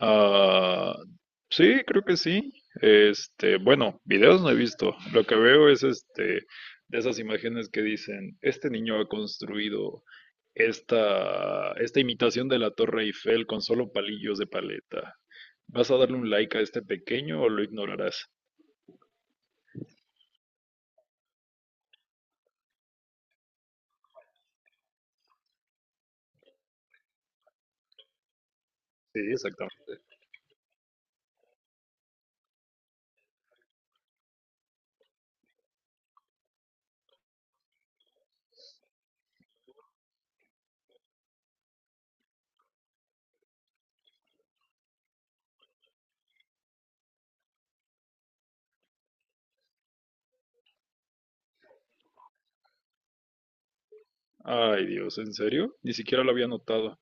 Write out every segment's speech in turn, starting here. Ah, sí, creo que sí. Bueno, videos no he visto. Lo que veo es de esas imágenes que dicen, este niño ha construido esta imitación de la Torre Eiffel con solo palillos de paleta. ¿Vas a darle un like a este pequeño o lo ignorarás? Sí, exactamente. Ay, Dios, ¿en serio? Ni siquiera lo había notado.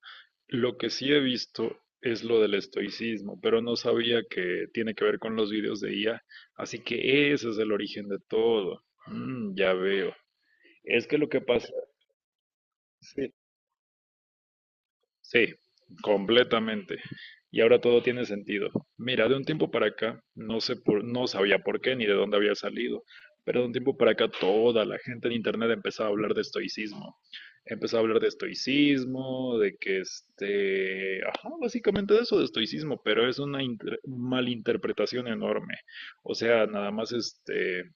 Lo que sí he visto es lo del estoicismo, pero no sabía que tiene que ver con los vídeos de IA, así que ese es el origen de todo. Mm, ya veo. Es que lo que pasa, sí, sí, completamente. Y ahora todo tiene sentido. Mira, de un tiempo para acá, no sabía por qué ni de dónde había salido, pero de un tiempo para acá toda la gente en internet empezaba a hablar de estoicismo. Empezó a hablar de estoicismo, de que ajá, básicamente de eso de estoicismo, pero es una malinterpretación enorme. O sea, nada más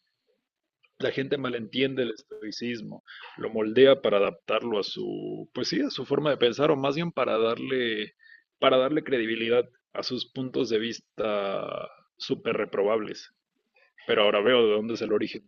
la gente malentiende el estoicismo, lo moldea para adaptarlo a su, pues sí, a su forma de pensar, o más bien para darle credibilidad a sus puntos de vista súper reprobables. Pero ahora veo de dónde es el origen.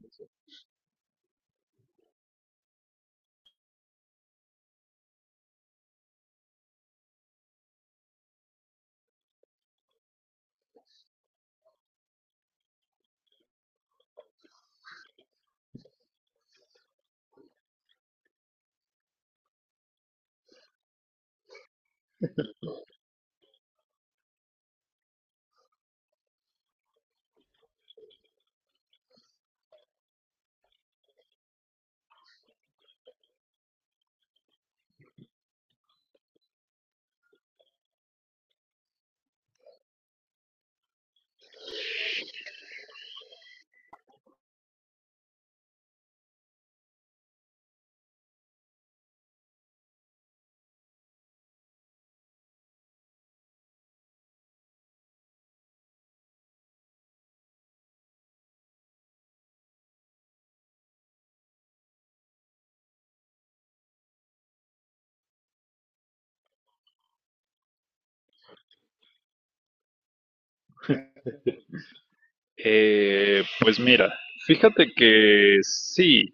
Pues mira, fíjate que sí,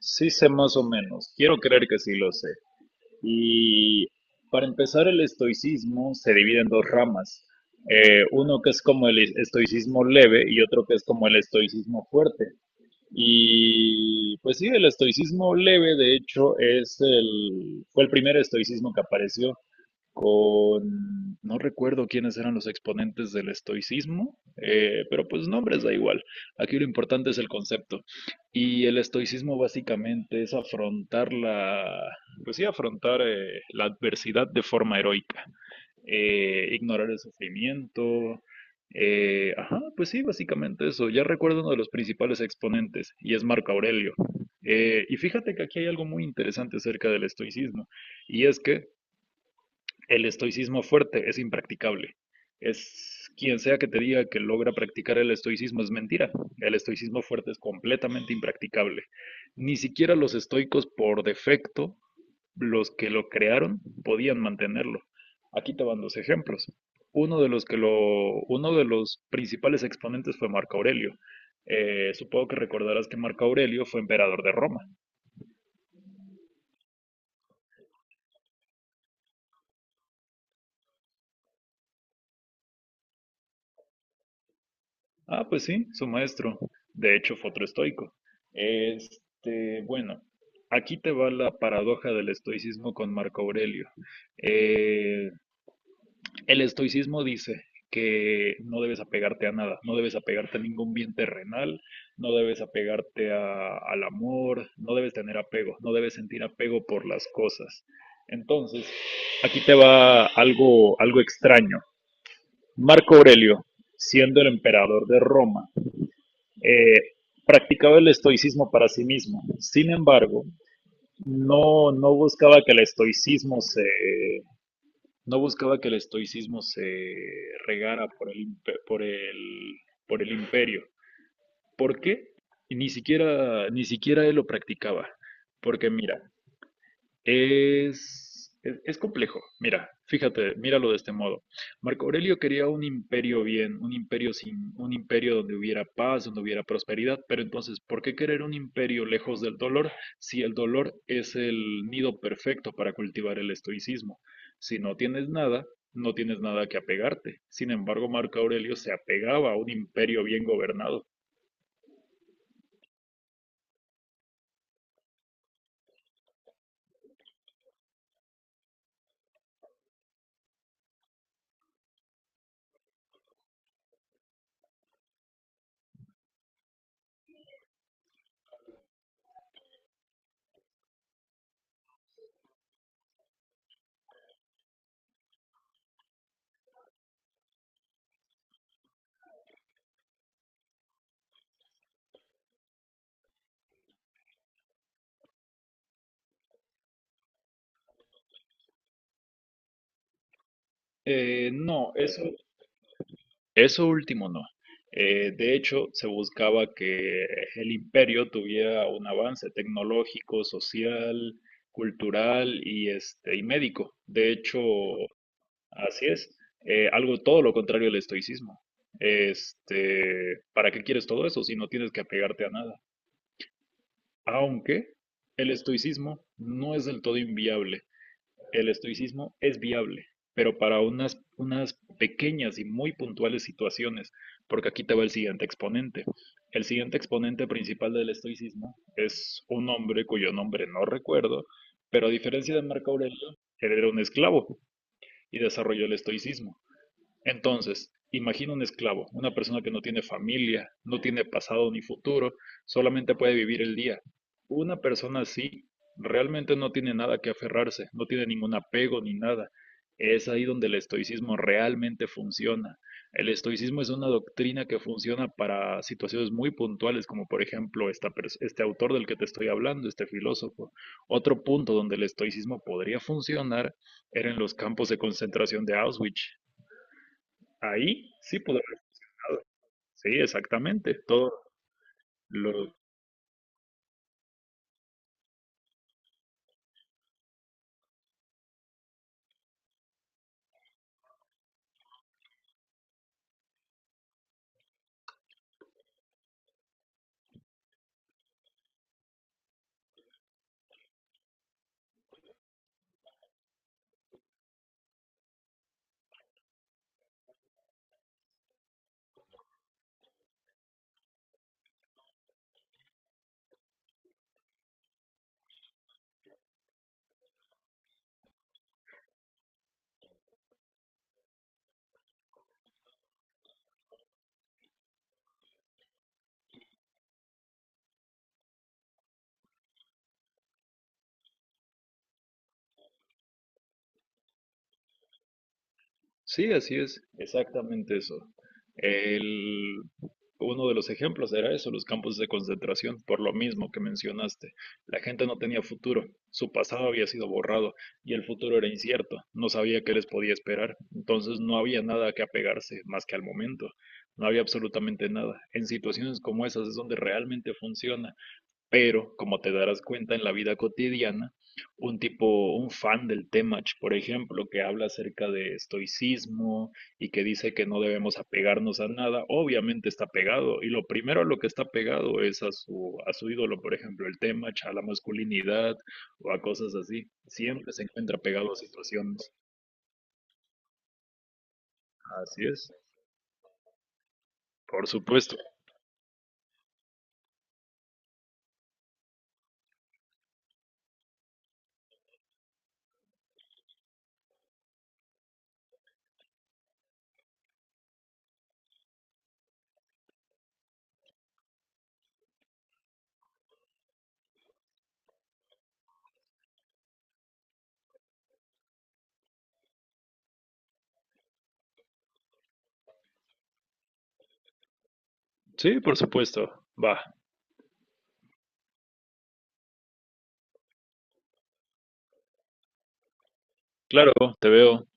sí sé más o menos. Quiero creer que sí lo sé. Y para empezar, el estoicismo se divide en dos ramas. Uno que es como el estoicismo leve y otro que es como el estoicismo fuerte. Y pues sí, el estoicismo leve, de hecho, fue el primer estoicismo que apareció con, no recuerdo quiénes eran los exponentes del estoicismo, pero pues nombres da igual. Aquí lo importante es el concepto. Y el estoicismo básicamente es pues sí, afrontar la adversidad de forma heroica, ignorar el sufrimiento. Ajá, pues sí, básicamente eso. Ya recuerdo uno de los principales exponentes y es Marco Aurelio. Y fíjate que aquí hay algo muy interesante acerca del estoicismo, y es que el estoicismo fuerte es impracticable. Es quien sea que te diga que logra practicar el estoicismo es mentira. El estoicismo fuerte es completamente impracticable. Ni siquiera los estoicos por defecto, los que lo crearon, podían mantenerlo. Aquí te van dos ejemplos. Uno de los principales exponentes fue Marco Aurelio. Supongo que recordarás que Marco Aurelio fue emperador de Roma. Ah, pues sí, su maestro. De hecho, fue otro estoico. Bueno, aquí te va la paradoja del estoicismo con Marco Aurelio. Eh, el estoicismo dice que no debes apegarte a nada, no debes apegarte a ningún bien terrenal, no debes al amor, no debes tener apego, no debes sentir apego por las cosas. Entonces, aquí te va algo, algo extraño. Marco Aurelio, siendo el emperador de Roma, eh, practicaba el estoicismo para sí mismo. Sin embargo, no buscaba que no buscaba que el estoicismo se regara por el imperio. ¿Por qué? Y ni siquiera, ni siquiera él lo practicaba. Porque mira, es complejo. Mira, fíjate, míralo de este modo. Marco Aurelio quería un imperio sin, un imperio donde hubiera paz, donde hubiera prosperidad, pero entonces, ¿por qué querer un imperio lejos del dolor si el dolor es el nido perfecto para cultivar el estoicismo? Si no tienes nada, no tienes nada que apegarte. Sin embargo, Marco Aurelio se apegaba a un imperio bien gobernado. Eh, no, eso, Eso último no. De hecho, se buscaba que el imperio tuviera un avance tecnológico, social, cultural y, y médico. De hecho, así es. Algo todo lo contrario del estoicismo. ¿Para qué quieres todo eso si no tienes que apegarte a nada? Aunque el estoicismo no es del todo inviable. El estoicismo es viable, pero para unas pequeñas y muy puntuales situaciones, porque aquí te va el siguiente exponente. El siguiente exponente principal del estoicismo es un hombre cuyo nombre no recuerdo, pero a diferencia de Marco Aurelio, él era un esclavo y desarrolló el estoicismo. Entonces, imagina un esclavo, una persona que no tiene familia, no tiene pasado ni futuro, solamente puede vivir el día. Una persona así realmente no tiene nada que aferrarse, no tiene ningún apego ni nada. Es ahí donde el estoicismo realmente funciona. El estoicismo es una doctrina que funciona para situaciones muy puntuales, como por ejemplo este autor del que te estoy hablando, este filósofo. Otro punto donde el estoicismo podría funcionar era en los campos de concentración de Auschwitz. Ahí sí pudo haber estado. Sí, exactamente. Todo lo... Sí, así es. Exactamente eso. El... Uno de los ejemplos era eso, los campos de concentración, por lo mismo que mencionaste. La gente no tenía futuro, su pasado había sido borrado y el futuro era incierto, no sabía qué les podía esperar, entonces no había nada a que apegarse más que al momento, no había absolutamente nada. En situaciones como esas es donde realmente funciona. Pero, como te darás cuenta en la vida cotidiana, un tipo, un fan del Temach, por ejemplo, que habla acerca de estoicismo y que dice que no debemos apegarnos a nada, obviamente está pegado. Y lo primero a lo que está pegado es a su ídolo, por ejemplo, el Temach, a la masculinidad o a cosas así. Siempre se encuentra pegado a situaciones. Así es. Por supuesto. Sí, por supuesto. Va. Claro, te veo.